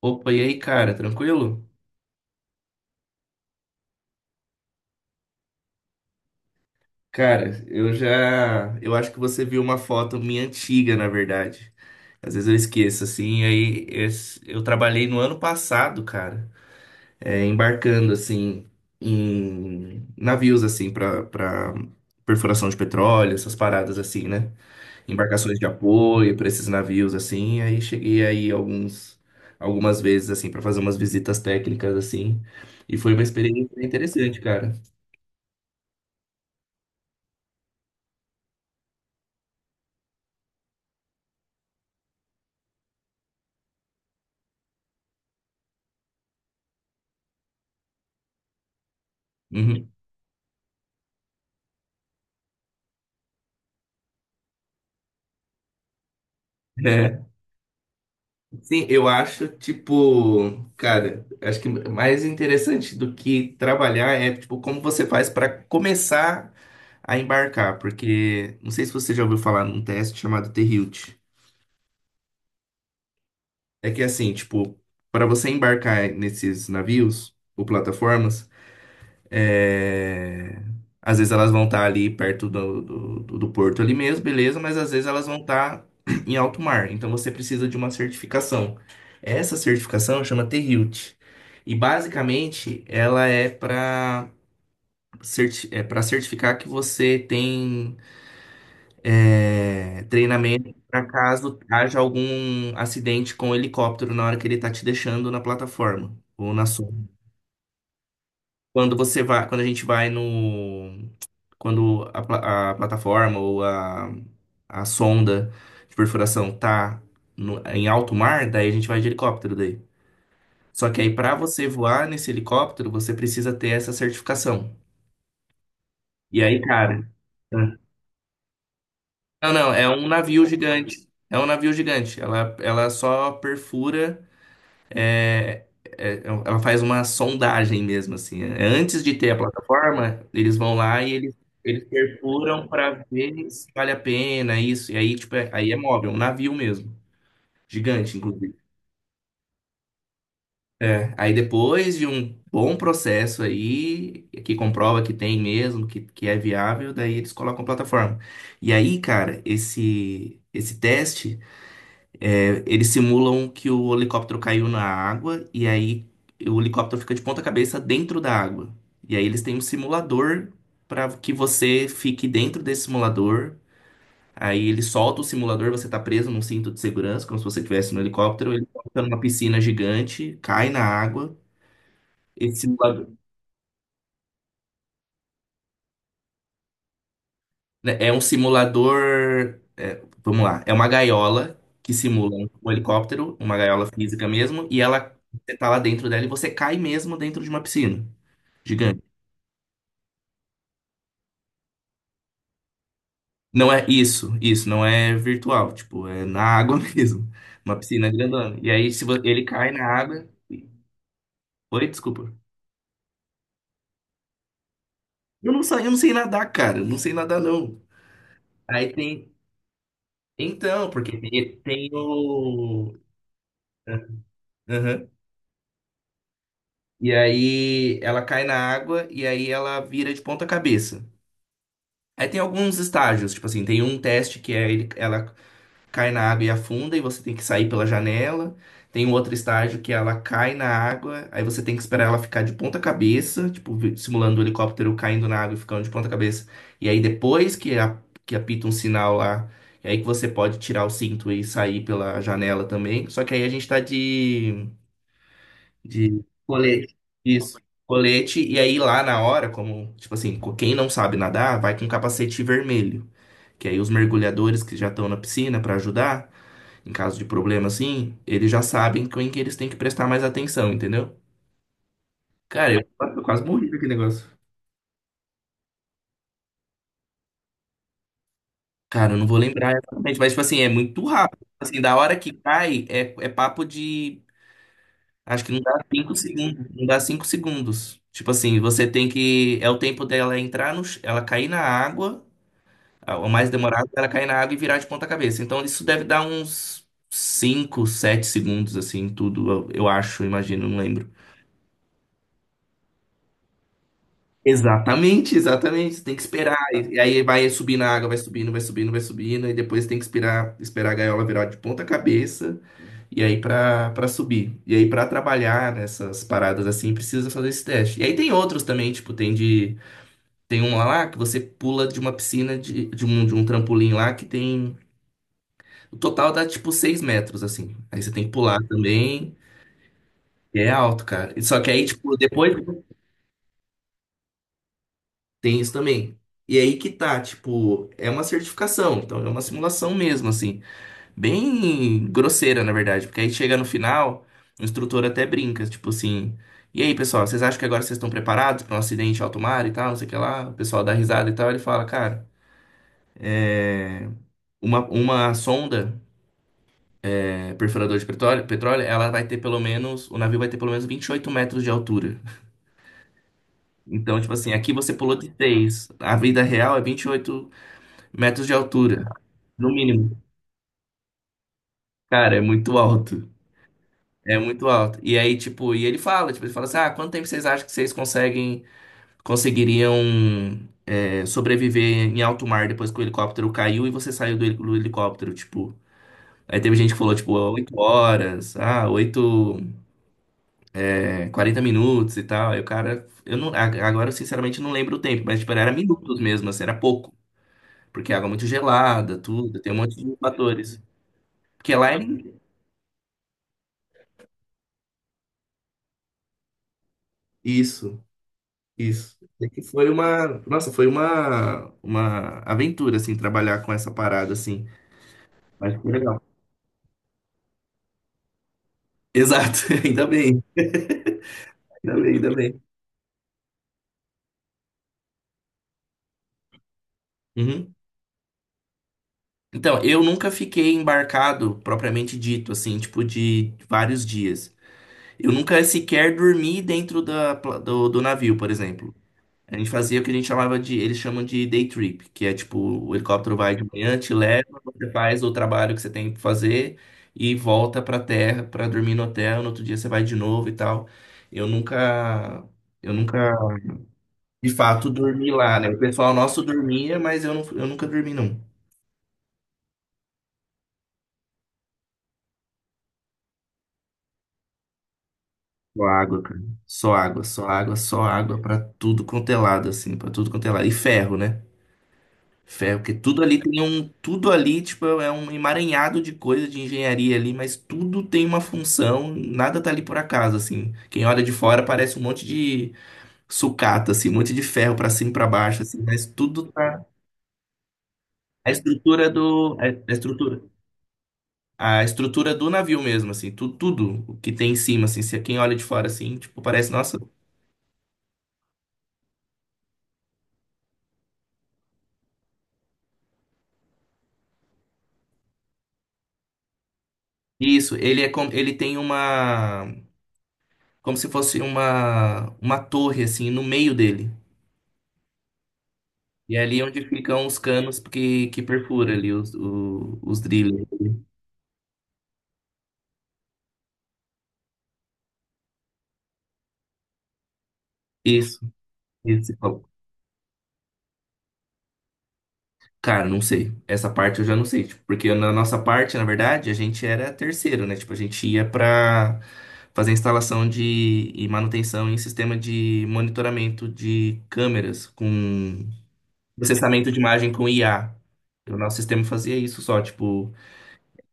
Opa, e aí, cara, tranquilo? Cara, eu já. Eu acho que você viu uma foto minha antiga, na verdade. Às vezes eu esqueço, assim. Eu trabalhei no ano passado, cara, embarcando, assim, em navios, assim, pra perfuração de petróleo, essas paradas, assim, né? Embarcações de apoio pra esses navios, assim. Aí cheguei aí alguns, Algumas vezes, assim, pra fazer umas visitas técnicas, assim. E foi uma experiência interessante, cara. Uhum. Sim, eu acho, tipo, cara, acho que mais interessante do que trabalhar é, tipo, como você faz para começar a embarcar, porque não sei se você já ouviu falar num teste chamado T-HILT. É que assim, tipo, para você embarcar nesses navios ou plataformas. É. Às vezes elas vão estar ali perto do porto ali mesmo, beleza, mas às vezes elas vão estar em alto mar. Então você precisa de uma certificação. Essa certificação chama T-Hilt. E basicamente ela é para certificar que você tem treinamento para caso haja algum acidente com o helicóptero na hora que ele tá te deixando na plataforma ou na sonda. Quando você vai, quando a gente vai no A plataforma ou a sonda de perfuração tá em alto mar, daí a gente vai de helicóptero daí. Só que aí para você voar nesse helicóptero, você precisa ter essa certificação. E aí, cara, não, não, é um navio gigante. É um navio gigante. Ela só perfura. É, Ela faz uma sondagem mesmo, assim. Antes de ter a plataforma, eles vão lá e eles perfuram para ver se vale a pena isso. E aí, tipo, aí é móvel, um navio mesmo. Gigante, inclusive. É, aí depois de um bom processo aí, que comprova que tem mesmo, que é viável, daí eles colocam plataforma. E aí, cara, esse teste. Eles simulam que o helicóptero caiu na água e aí o helicóptero fica de ponta cabeça dentro da água. E aí eles têm um simulador para que você fique dentro desse simulador. Aí ele solta o simulador, você tá preso num cinto de segurança, como se você estivesse no helicóptero. Ele solta numa piscina gigante, cai na água. Esse simulador, né, é um simulador. Vamos lá, é uma gaiola que simula um helicóptero, uma gaiola física mesmo, e ela você tá lá dentro dela e você cai mesmo dentro de uma piscina. Gigante. Não é isso, isso não é virtual, tipo, é na água mesmo. Uma piscina grandona. E aí, se vo- ele cai na água. Oi, desculpa. Eu não sei nadar, cara. Eu não sei nadar, não. Aí tem. Então, porque tem o. ah, Aham. E aí ela cai na água e aí ela vira de ponta cabeça. Aí tem alguns estágios, tipo assim, tem um teste que é ela cai na água e afunda, e você tem que sair pela janela. Tem um outro estágio que ela cai na água, aí você tem que esperar ela ficar de ponta cabeça, tipo, simulando o helicóptero caindo na água e ficando de ponta cabeça. E aí depois que, que apita um sinal lá, é aí que você pode tirar o cinto e sair pela janela também. Só que aí a gente tá de colete. Isso. Colete, e aí lá na hora, como, tipo assim, quem não sabe nadar, vai com capacete vermelho. Que aí os mergulhadores que já estão na piscina para ajudar, em caso de problema assim, eles já sabem com que eles têm que prestar mais atenção, entendeu? Cara, eu quase morri com aquele negócio. Cara, eu não vou lembrar exatamente, mas tipo assim, é muito rápido. Assim, da hora que cai, é papo de. Acho que não dá 5 segundos. Não dá 5 segundos. Tipo assim, você tem que. É o tempo dela entrar no. Ela cair na água. Ah, o mais demorado é ela cair na água e virar de ponta cabeça. Então isso deve dar uns 5 7 segundos, assim, tudo, eu acho, imagino, não lembro. Exatamente, exatamente. Você tem que esperar. E aí vai subir na água, vai subindo, vai subindo, vai subindo. E depois tem que esperar, esperar a gaiola virar de ponta cabeça. E aí pra subir. E aí pra trabalhar nessas paradas assim, precisa fazer esse teste. E aí tem outros também, tipo, tem de. Tem um lá que você pula de uma piscina de um trampolim lá que tem. O total dá tipo 6 metros, assim. Aí você tem que pular também. E é alto, cara. Só que aí, tipo, depois tem isso também. E aí que tá, tipo, é uma certificação. Então é uma simulação mesmo, assim. Bem grosseira, na verdade. Porque aí chega no final, o instrutor até brinca, tipo assim. E aí, pessoal, vocês acham que agora vocês estão preparados para um acidente alto mar e tal, não sei o que lá? O pessoal dá risada e tal. Ele fala, cara, uma sonda, perfurador de petróleo, petróleo, ela vai ter pelo menos, o navio vai ter pelo menos 28 metros de altura. Então, tipo assim, aqui você pulou de 6. A vida real é 28 metros de altura, no mínimo. Cara, é muito alto. É muito alto. E aí, tipo, e ele fala, tipo, ele fala assim: "Ah, quanto tempo vocês acham que vocês conseguem conseguiriam sobreviver em alto mar depois que o helicóptero caiu e você saiu do helicóptero, tipo?" Aí teve gente que falou, tipo, 8 horas, 40 minutos e tal. Aí o cara, eu não, a- agora eu sinceramente não lembro o tempo, mas, tipo, era minutos mesmo, assim, era pouco. Porque é água muito gelada, tudo, tem um monte de fatores. Porque lá em... Isso, isso. É que foi uma, nossa, foi uma aventura, assim, trabalhar com essa parada, assim. Mas foi legal. Exato, ainda bem, ainda bem, ainda bem. Uhum. Então, eu nunca fiquei embarcado, propriamente dito, assim, tipo, de vários dias. Eu nunca sequer dormi dentro do navio, por exemplo. A gente fazia o que a gente chamava de, eles chamam de day trip, que é tipo, o helicóptero vai de manhã, te leva, você faz o trabalho que você tem que fazer e volta pra terra pra dormir no hotel, no outro dia você vai de novo e tal. Eu nunca, eu nunca, de fato, dormi lá, né? O pessoal nosso dormia, mas eu, não, eu nunca dormi, não. Só água, cara. Só água, só água, só água pra tudo quanto é lado, assim, pra tudo quanto é lado. E ferro, né? Ferro, porque tudo ali tem um, tudo ali, tipo, é um emaranhado de coisa de engenharia ali, mas tudo tem uma função, nada tá ali por acaso, assim. Quem olha de fora parece um monte de sucata, assim, um monte de ferro pra cima e pra baixo, assim, mas tudo tá. A estrutura do. A estrutura. A estrutura do navio mesmo, assim, tudo, tudo o que tem em cima, assim, se quem olha de fora, assim, tipo, parece, nossa. Isso, ele é como, ele tem uma, como se fosse uma torre, assim, no meio dele. E é ali onde ficam os canos que perfura ali os drillers. Isso, isso. Cara, não sei. Essa parte eu já não sei. Tipo, porque na nossa parte, na verdade, a gente era terceiro, né? Tipo, a gente ia pra fazer instalação de, e manutenção em sistema de monitoramento de câmeras com processamento de imagem com IA. O nosso sistema fazia isso só, tipo.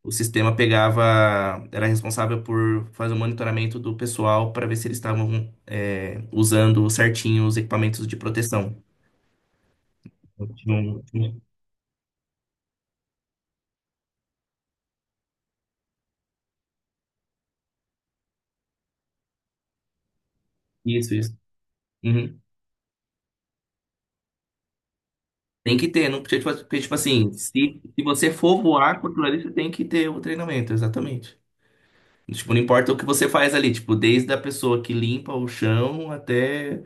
O sistema pegava, era responsável por fazer o monitoramento do pessoal para ver se eles estavam usando certinho os equipamentos de proteção. Então. Isso, isso. Uhum. Tem que ter, não podia, tipo porque, tipo assim, se, você for voar com aquilo ali, você tem que ter o treinamento, exatamente. Tipo, não importa o que você faz ali, tipo, desde a pessoa que limpa o chão até,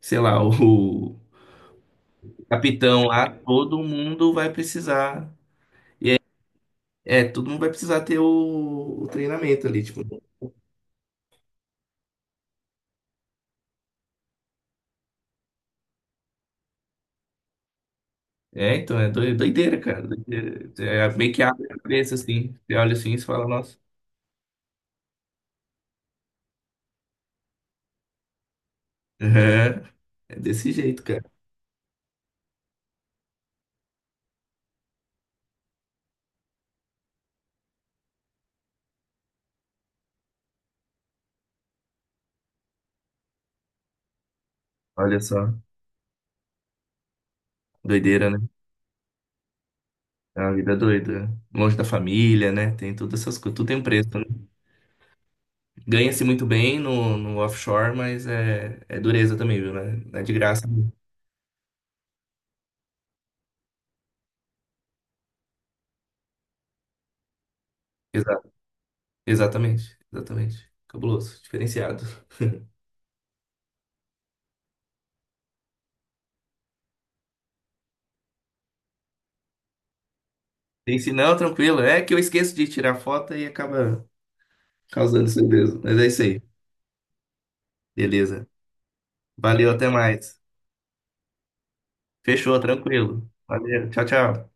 sei lá, o capitão lá, todo mundo vai precisar. É, todo mundo vai precisar ter o treinamento ali, tipo. É, então, é doideira, cara. Doideira. É meio que abre a cabeça, assim. Você olha assim e você fala, nossa. É, é desse jeito, cara. Olha só. Doideira, né? É uma vida doida. Longe da família, né? Tem todas essas coisas. Tudo tem um preço, né? Ganha-se muito bem no offshore, mas é dureza também, viu, né? Não é de graça. Exato. Exatamente. Exatamente. Cabuloso. Diferenciado. Tem se não, tranquilo. É que eu esqueço de tirar foto e acaba causando isso mesmo. Mas é isso aí. Beleza. Valeu, até mais. Fechou, tranquilo. Valeu, tchau, tchau.